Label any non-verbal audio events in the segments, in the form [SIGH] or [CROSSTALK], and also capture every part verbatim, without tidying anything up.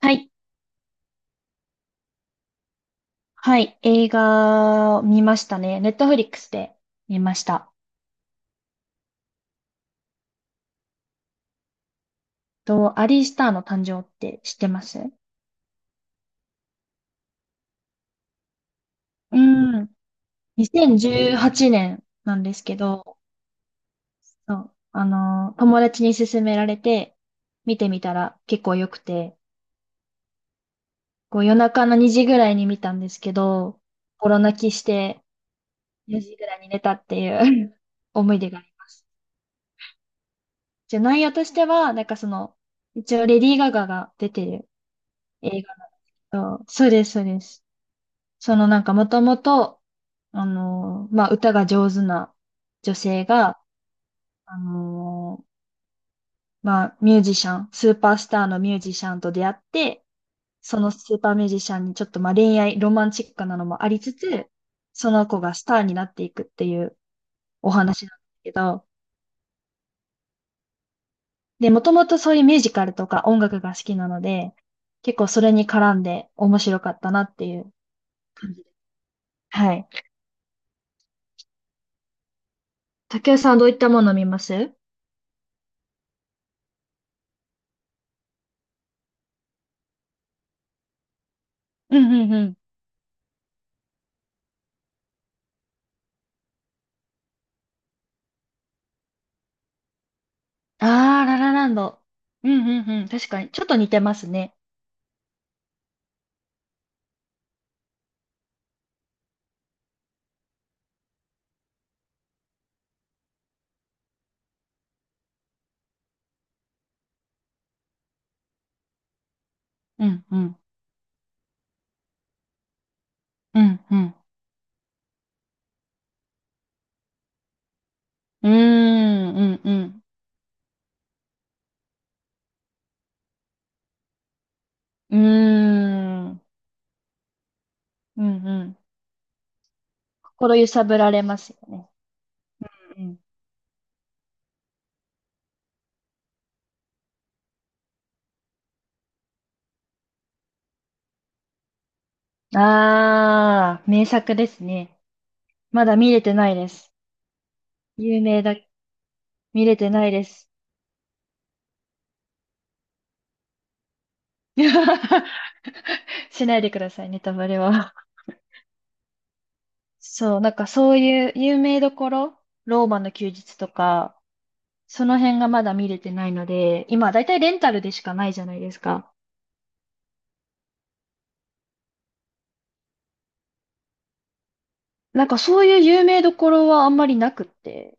はい。はい。映画見ましたね。ネットフリックスで見ました。と、アリー・スターの誕生って知ってます？うん。にせんじゅうはちねんなんですけど、そう。あのー、友達に勧められて、見てみたら結構良くて、こう夜中のにじぐらいに見たんですけど、心泣きしてよじぐらいに寝たっていう [LAUGHS] 思い出があります。じゃあ内容としては、なんかその、一応レディー・ガガが出てる映画。そうそうです、そうです。そのなんかもともと、あのーまあ歌が上手な女性が、あのーまあミュージシャン、スーパースターのミュージシャンと出会って、そのスーパーミュージシャンにちょっとまあ恋愛、ロマンチックなのもありつつ、その子がスターになっていくっていうお話なんですけど、で、もともとそういうミュージカルとか音楽が好きなので、結構それに絡んで面白かったなっていう感じです。はい。竹谷さんはどういったものを見ます？うんうんうん。ああ、ララランド。うんうんうん。確かに。ちょっと似てますね。うんうん。うんうん。うーんうんうん。うーん。うんうん。心揺さぶられますよね。うんうん。ああ、名作ですね。まだ見れてないです。有名だ。見れてないです。[LAUGHS] しないでくださいね、ネタバレは。そう、なんかそういう有名どころ、ローマの休日とか、その辺がまだ見れてないので、今だいたいレンタルでしかないじゃないですか。なんかそういう有名どころはあんまりなくって。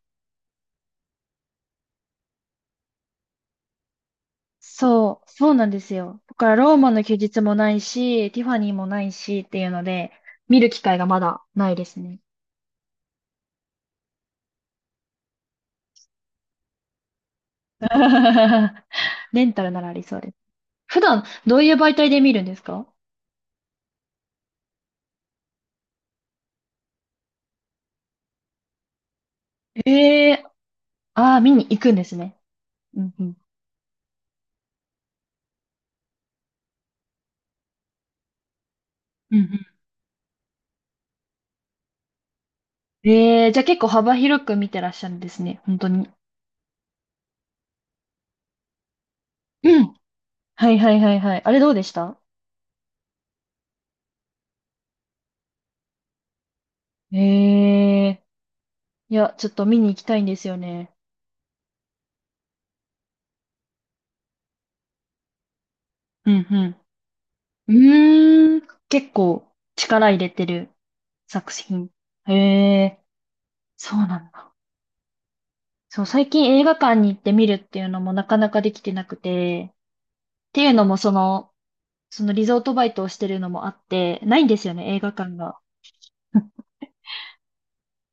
そう、そうなんですよ。だからローマの休日もないし、ティファニーもないしっていうので、見る機会がまだないですね。[LAUGHS] レンタルならありそうです。普段どういう媒体で見るんですか？ええー、ああ、見に行くんですね。うんうん。うんうん。ええー、じゃあ結構幅広く見てらっしゃるんですね。本当に。うん。はいはいはいはい。あれどうでした？ええ、いや、ちょっと見に行きたいんですよね。うんうん。うーん。結構力入れてる作品。へえ、そうなんだ。そう、最近映画館に行って見るっていうのもなかなかできてなくて、っていうのもその、そのリゾートバイトをしてるのもあって、ないんですよね、映画館が。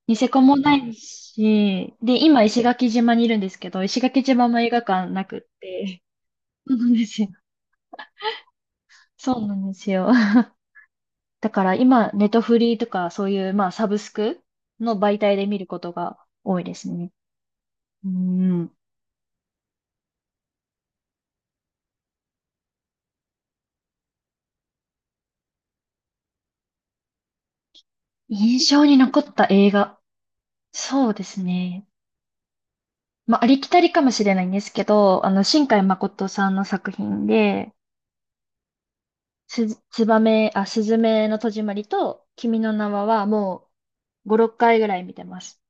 ニセコもないし、で、今石垣島にいるんですけど、石垣島も映画館なくって。そうなんですよ。そうなんですよ。だから今、ネットフリーとかそういう、まあ、サブスクの媒体で見ることが多いですね。うん。印象に残った映画。そうですね。まあ、ありきたりかもしれないんですけど、あの、新海誠さんの作品で、す、つばめ、あ、すずめの戸締まりと、君の名はもうご、ろっかいぐらい見てます。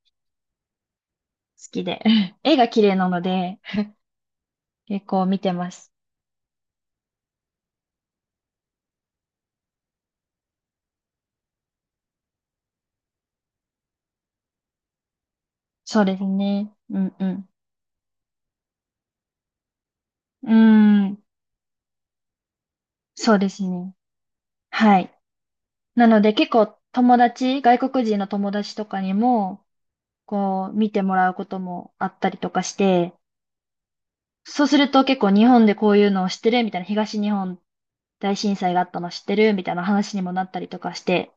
好きで。[LAUGHS] 絵が綺麗なので、結構見てます。そうですね。うんうん。うーん。そうですね。はい。なので結構友達、外国人の友達とかにも、こう見てもらうこともあったりとかして、そうすると結構日本でこういうのを知ってるみたいな、東日本大震災があったの知ってるみたいな話にもなったりとかして、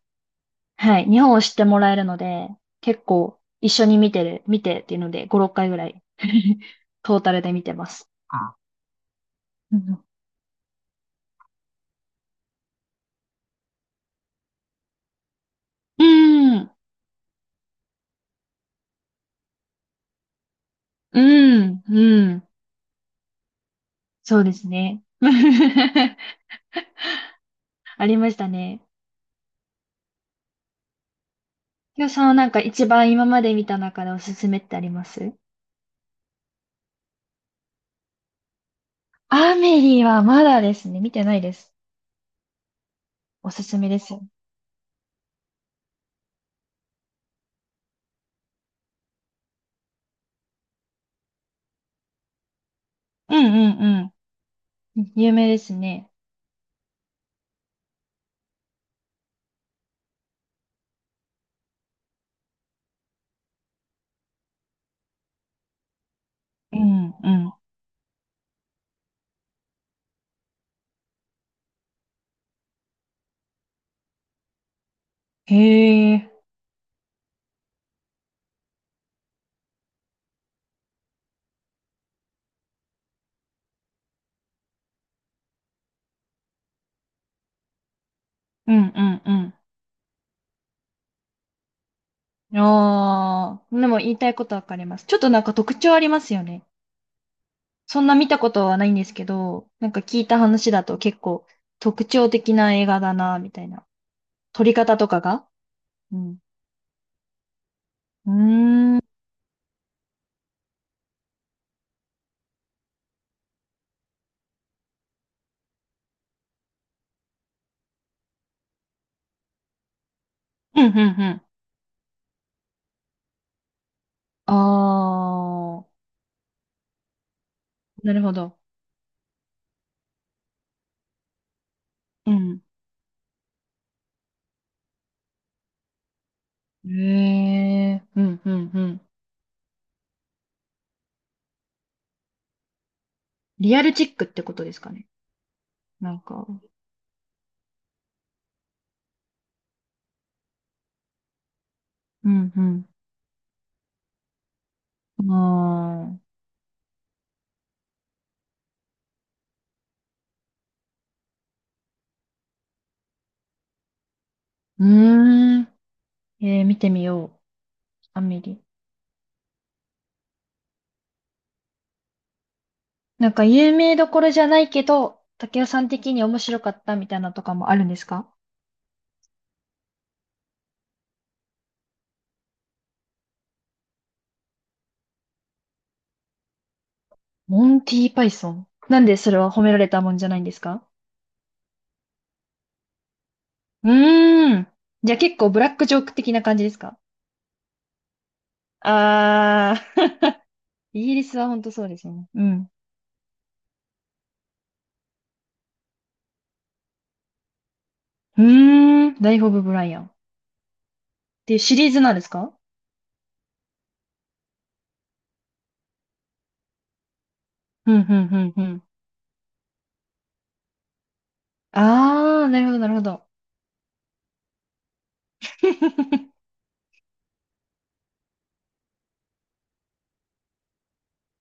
はい、日本を知ってもらえるので、結構一緒に見てる、見てっていうのでご、ろっかいぐらい [LAUGHS] トータルで見てます。あ、うんうん、うん、うん、そうですね。[LAUGHS] ありましたね。今日さんはなんか一番今まで見た中でおすすめってあります？アメリはまだですね、見てないです。おすすめですよ。うんうんうん。うん、有名ですね。うんうん。へえ。うんうんうん。ああ。でも言いたいことわかります。ちょっとなんか特徴ありますよね。そんな見たことはないんですけど、なんか聞いた話だと結構特徴的な映画だな、みたいな。撮り方とかが、うん。うーん。うんうんうん。ああ。なるほど。うん。へえ、うんうんうん。リアルチックってことですかね。なんか、うんうん。ああ、うーん。えー、見てみよう。アメリ。なんか有名どころじゃないけど、竹雄さん的に面白かったみたいなのとかもあるんですか？モンティーパイソン。なんでそれは褒められたもんじゃないんですか？うーん。じゃあ結構ブラックジョーク的な感じですか？ああー、[LAUGHS] イギリスは本当そうですよね。うん。うーん。ライフ・オブ・ブライアン。ていうシリーズなんですか？うん、うん、うん、うん。あー、なるほど、なるほど。[LAUGHS]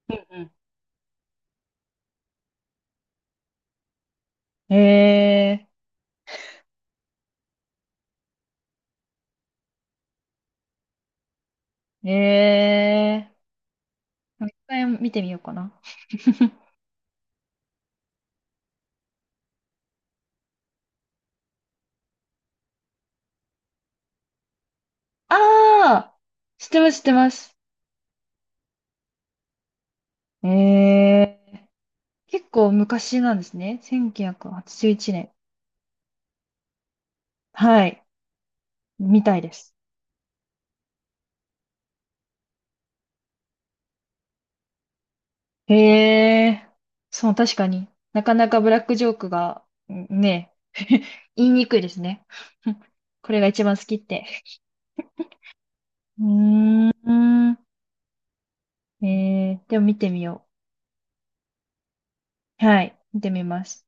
うん、ええー、ええー。もう一回見てみようかな。[LAUGHS] あー、知ってます、知ってます。ええー、結構昔なんですね。せんきゅうひゃくはちじゅういちねん。はい、みたいです。へえー、そう、確かになかなかブラックジョークが、んね、[LAUGHS] 言いにくいですね。[LAUGHS] これが一番好きって。うーん。えー、でも見てみよう。はい、見てみます。